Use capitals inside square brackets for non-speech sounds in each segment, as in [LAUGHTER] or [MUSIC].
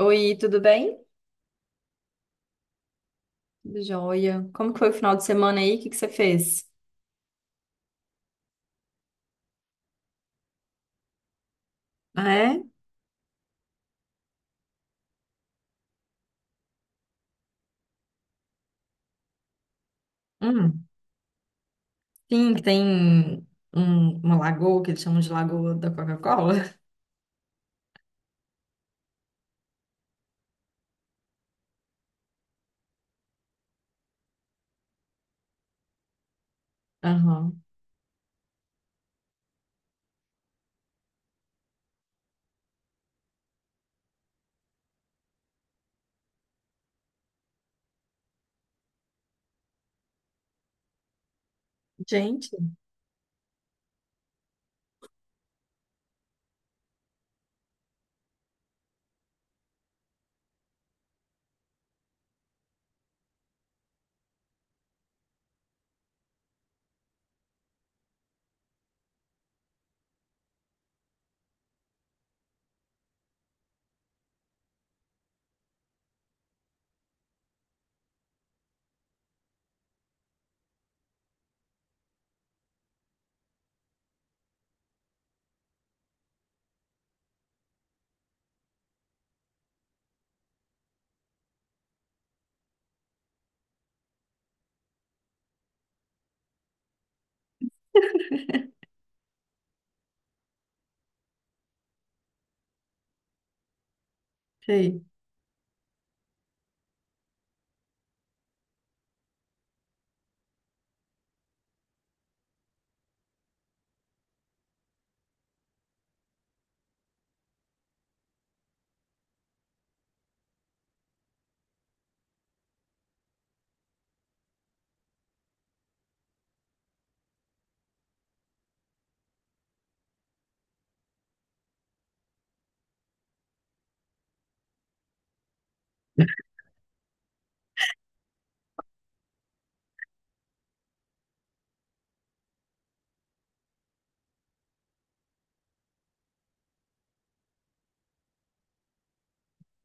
Oi, tudo bem? Tudo jóia. Como que foi o final de semana aí? O que você fez? Ah, é? Hum. Sim, que tem uma lagoa que eles chamam de Lagoa da Coca-Cola. Aham. Gente, [LAUGHS] sei.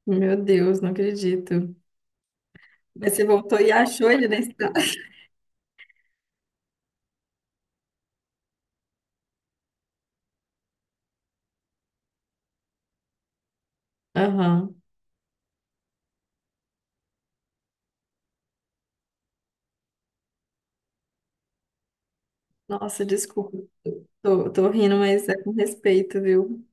Meu Deus, não acredito. Mas você voltou e achou ele nesse? [LAUGHS] Aham. Nossa, desculpa. Tô rindo, mas é com respeito, viu?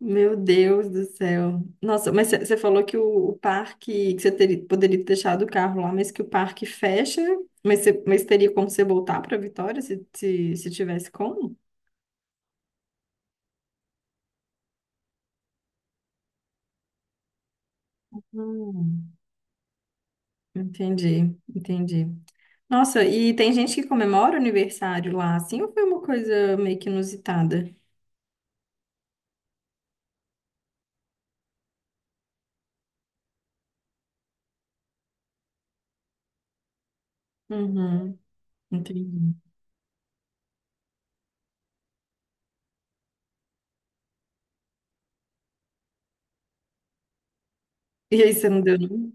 Meu Deus do céu. Nossa, mas você falou que o parque, que você teria, poderia ter deixado o carro lá, mas que o parque fecha, mas, mas teria como você voltar para Vitória se tivesse como? Hum, entendi. Nossa, e tem gente que comemora o aniversário lá, assim, ou foi uma coisa meio que inusitada? Uhum, entendi. E aí você não deu nenhum?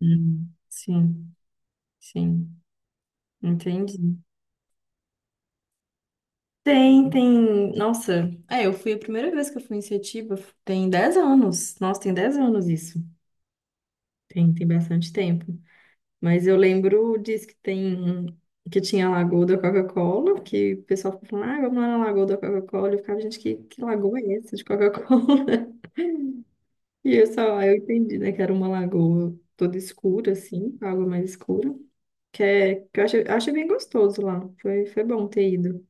Sim, sim, entendi. Tem, tem. Nossa, é, eu fui a primeira vez que eu fui em Setiba, tem 10 anos. Nossa, tem 10 anos isso. Tem, tem bastante tempo. Mas eu lembro disso, que que tinha a Lagoa da Coca-Cola, que o pessoal ficava falando, ah, vamos lá na Lagoa da Coca-Cola. Eu ficava, gente, que lagoa é essa de Coca-Cola? [LAUGHS] E eu só, aí eu entendi, né, que era uma lagoa toda escura, assim, com água mais escura. Que eu achei bem gostoso lá. Foi bom ter ido.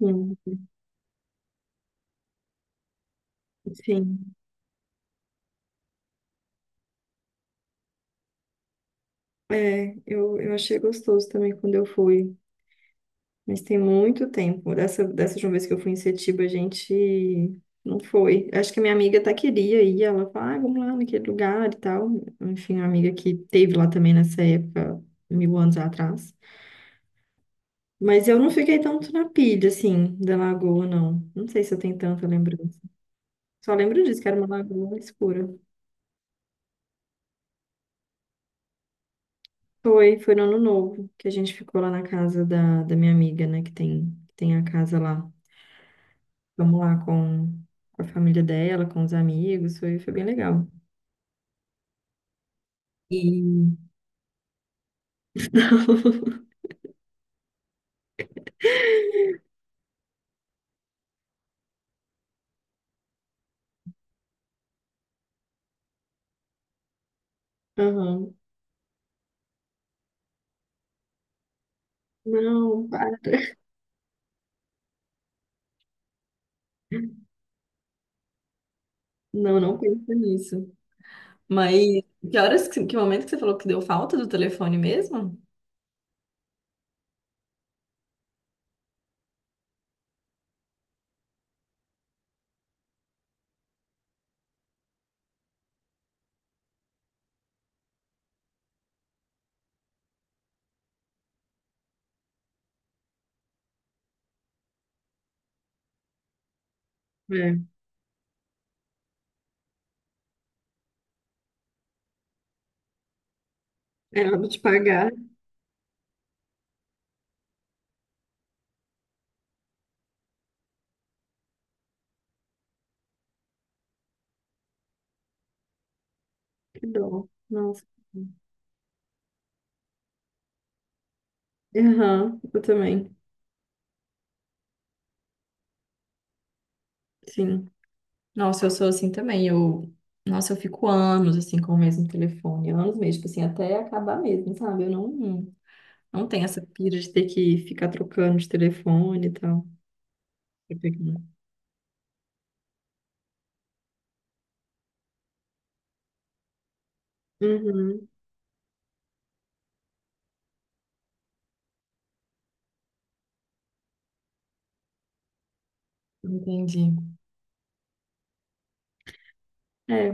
Sim. Sim. É, eu achei gostoso também quando eu fui, mas tem muito tempo. Dessa última vez que eu fui em Setiba, a gente não foi. Acho que a minha amiga até queria ir, ela falou, ah, vamos lá naquele lugar e tal. Enfim, uma amiga que teve lá também nessa época, mil anos atrás. Mas eu não fiquei tanto na pilha, assim, da lagoa, não. Não sei se eu tenho tanta lembrança. Só lembro disso, que era uma lagoa escura. Foi no ano novo, que a gente ficou lá na casa da minha amiga, né, que tem a casa lá. Vamos lá com a família dela, com os amigos, foi bem legal. E. [LAUGHS] Não, aham. Não, para. Não, não pensa nisso. Mas que horas, que momento que você falou que deu falta do telefone mesmo? É, é hora de pagar, que dó. Nossa. Aham, eu também. Sim. Nossa, eu sou assim também. Eu, nossa, eu fico anos assim com o mesmo telefone, anos mesmo, tipo assim, até acabar mesmo, sabe? Eu não, não tem essa pira de ter que ficar trocando de telefone e tal. Eu peguei. Uhum, entendi. É,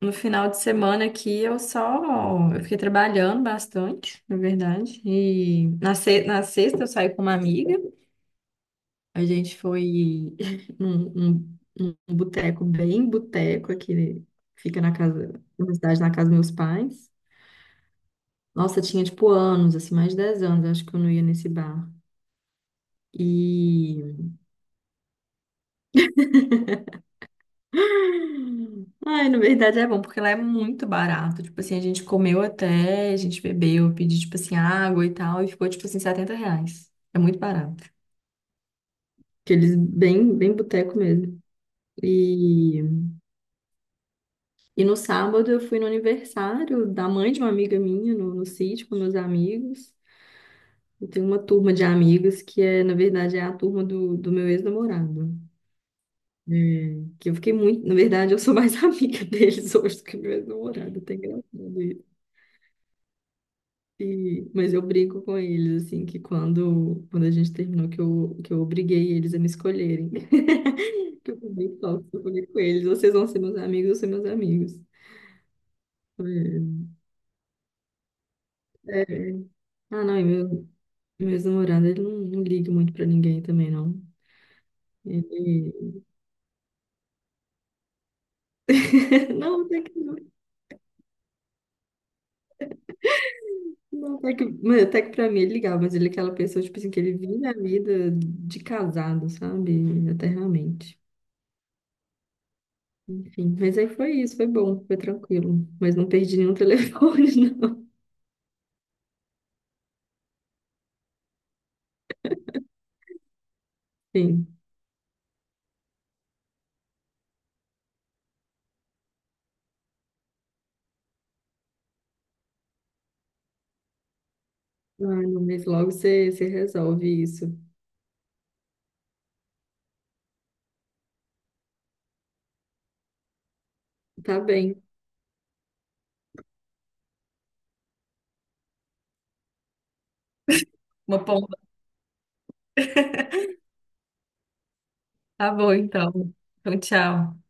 no final de semana aqui eu só eu fiquei trabalhando bastante, na verdade. E na, se- na sexta eu saí com uma amiga. A gente foi [LAUGHS] num boteco bem boteco aqui, né? Fica na casa, na cidade, na casa dos meus pais. Nossa, tinha tipo anos, assim, mais de 10 anos, acho que eu não ia nesse bar. E ai, na verdade é bom, porque lá é muito barato. Tipo assim, a gente comeu até, a gente bebeu, pedi tipo assim, água e tal, e ficou, tipo assim, R$ 70. É muito barato. Aqueles bem, bem boteco mesmo. E, e no sábado eu fui no aniversário da mãe de uma amiga minha, no sítio, com meus amigos. Eu tenho uma turma de amigos que é, na verdade, é a turma do meu ex-namorado. É, que eu fiquei muito. Na verdade, eu sou mais [LAUGHS] amiga deles hoje do que meu ex-namorado. Tem engraçado. E, mas eu brigo com eles, assim, que quando a gente terminou, que eu obriguei eles a me escolherem. [LAUGHS] Que eu falei, "Ó, eu falei com eles, vocês vão ser meus amigos, eu ser meus amigos." Foi- Ah, não, e meu ex-namorado, ele não liga muito pra ninguém também, não. Ele... [LAUGHS] Não, até que não. Não, até que, mas até que pra mim ele ligava, mas ele é aquela pessoa, tipo assim, que ele vive a vida de casado, sabe? Eternamente. Enfim, mas aí foi isso, foi bom, foi tranquilo. Mas não perdi nenhum telefone, [LAUGHS] não. Enfim, ah, não, mas logo você resolve isso. Tá bem. Uma pomba. Tá bom, então. Então, tchau.